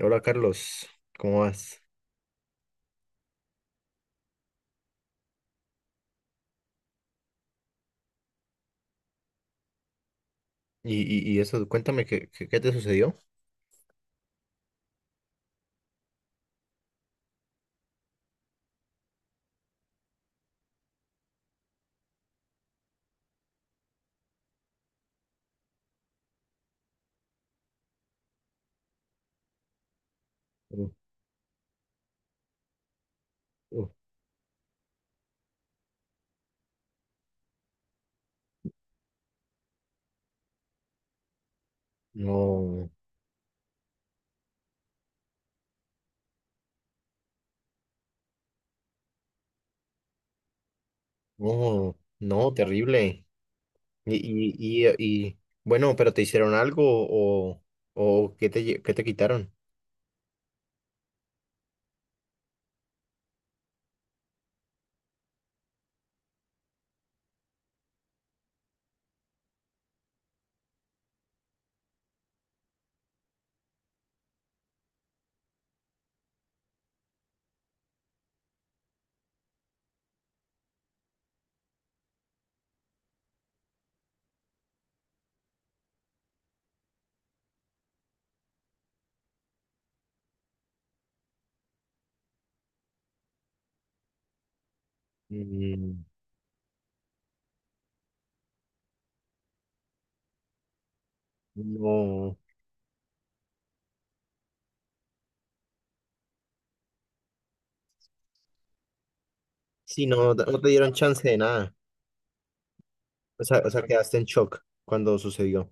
Hola Carlos, ¿cómo vas? Y, y eso, cuéntame, ¿qué te sucedió? Uh, uh, No, no, no, terrible. Y, y, y, y, bueno, pero ¿te hicieron algo o qué te quitaron? Mm, no, sí, no, no te dieron chance de nada. O sea, quedaste en shock cuando sucedió.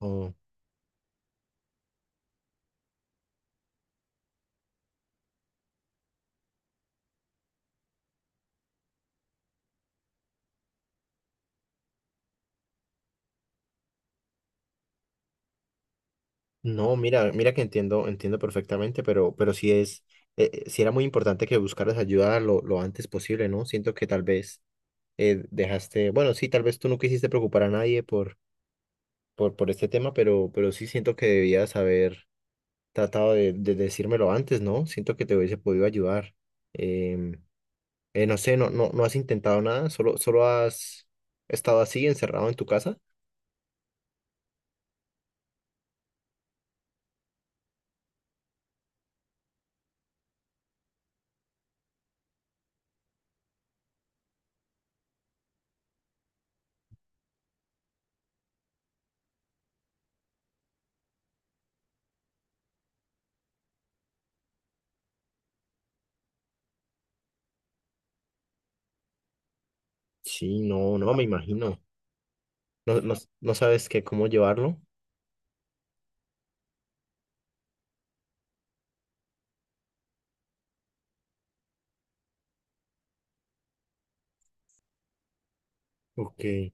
Oh, no, mira que entiendo, entiendo perfectamente, pero sí era muy importante que buscaras ayuda lo antes posible, ¿no? Siento que tal vez dejaste, bueno, sí, tal vez tú no quisiste preocupar a nadie por este tema, pero sí siento que debías haber tratado de decírmelo antes, ¿no? Siento que te hubiese podido ayudar. Em, no sé, no, no, no has intentado nada, solo has estado así, encerrado en tu casa. Sí, no, no, me imagino. No, no, no sabes que cómo llevarlo. Ok, y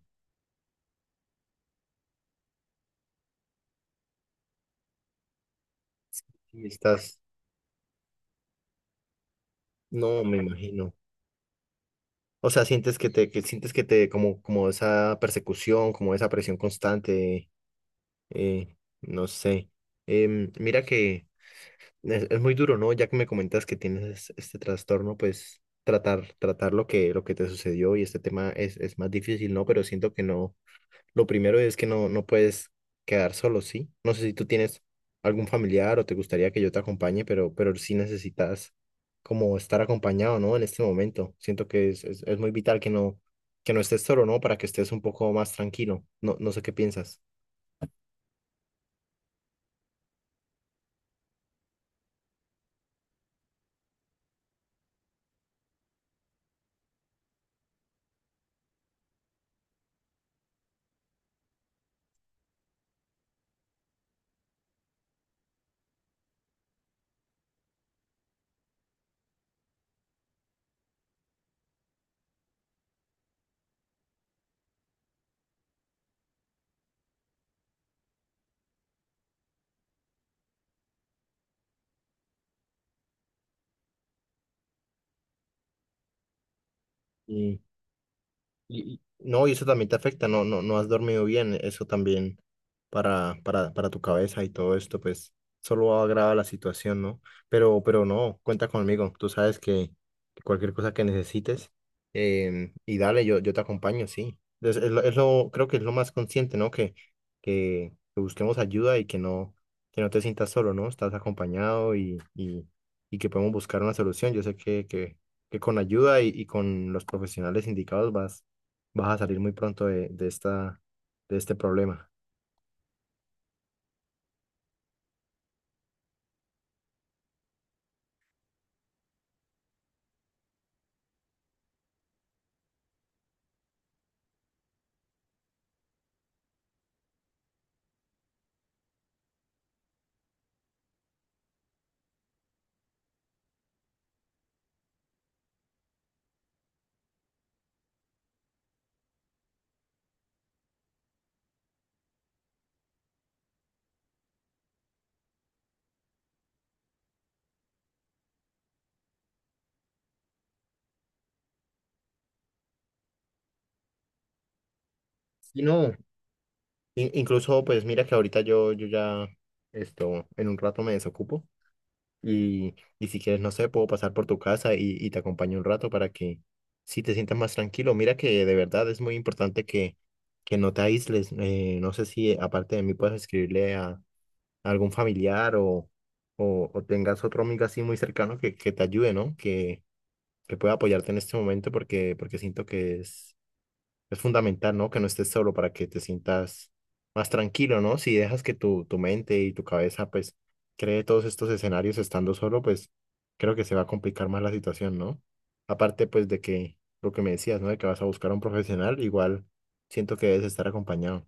estás, no, me imagino. O sea, sientes que te, como esa persecución, como esa presión constante. Eh, no sé. Mira que es muy duro, ¿no? Ya que me comentas que tienes este trastorno, pues tratar lo que te sucedió y este tema es más difícil, ¿no? Pero siento que no. Lo primero es que no, no puedes quedar solo, ¿sí? No sé si tú tienes algún familiar o te gustaría que yo te acompañe, pero sí necesitas como estar acompañado, ¿no? En este momento. Siento que es muy vital que no estés solo, ¿no? Para que estés un poco más tranquilo. No, no sé qué piensas. No, y eso también te afecta, no, no, no has dormido bien, eso también para tu cabeza y todo esto, pues solo agrava la situación, ¿no? Pero no, cuenta conmigo, tú sabes que cualquier cosa que necesites, y dale, yo te acompaño, sí. Creo que es lo más consciente, ¿no? Que busquemos ayuda y que no te sientas solo, ¿no? Estás acompañado y que podemos buscar una solución. Yo sé que con ayuda y con los profesionales indicados vas a salir muy pronto de este problema. Y no, incluso pues mira que ahorita yo ya esto, en un rato me desocupo y si quieres, no sé, puedo pasar por tu casa y te acompaño un rato para que si te sientas más tranquilo. Mira que de verdad es muy importante que no te aísles. No sé si aparte de mí puedes escribirle a algún familiar o tengas otro amigo así muy cercano que te ayude, ¿no? Que pueda apoyarte en este momento porque siento que es fundamental, ¿no? Que no estés solo para que te sientas más tranquilo, ¿no? Si dejas que tu mente y tu cabeza, pues, cree todos estos escenarios estando solo, pues, creo que se va a complicar más la situación, ¿no? Aparte, pues, de que lo que me decías, ¿no? De que vas a buscar a un profesional, igual siento que debes estar acompañado.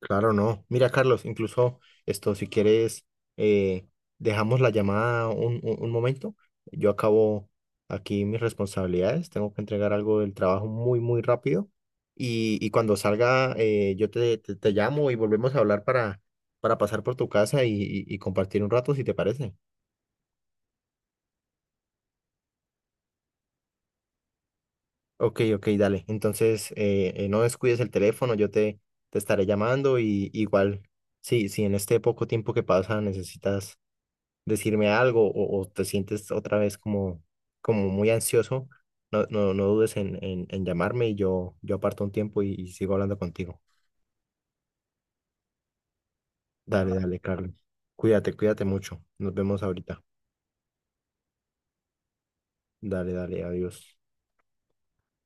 Claro, no. Mira, Carlos, incluso esto, si quieres, eh, dejamos la llamada un momento. Yo acabo aquí mis responsabilidades. Tengo que entregar algo del trabajo muy, muy rápido. Y cuando salga, yo te llamo y volvemos a hablar para pasar por tu casa y compartir un rato, si te parece. Ok, ok, dale. Entonces, no descuides el teléfono. Yo te estaré llamando y igual, sí, si en este poco tiempo que pasa necesitas decirme algo o te sientes otra vez como muy ansioso, no, no, no dudes en llamarme y yo aparto un tiempo y sigo hablando contigo. Dale, dale, Carlos. Cuídate, cuídate mucho. Nos vemos ahorita. Dale, dale, adiós.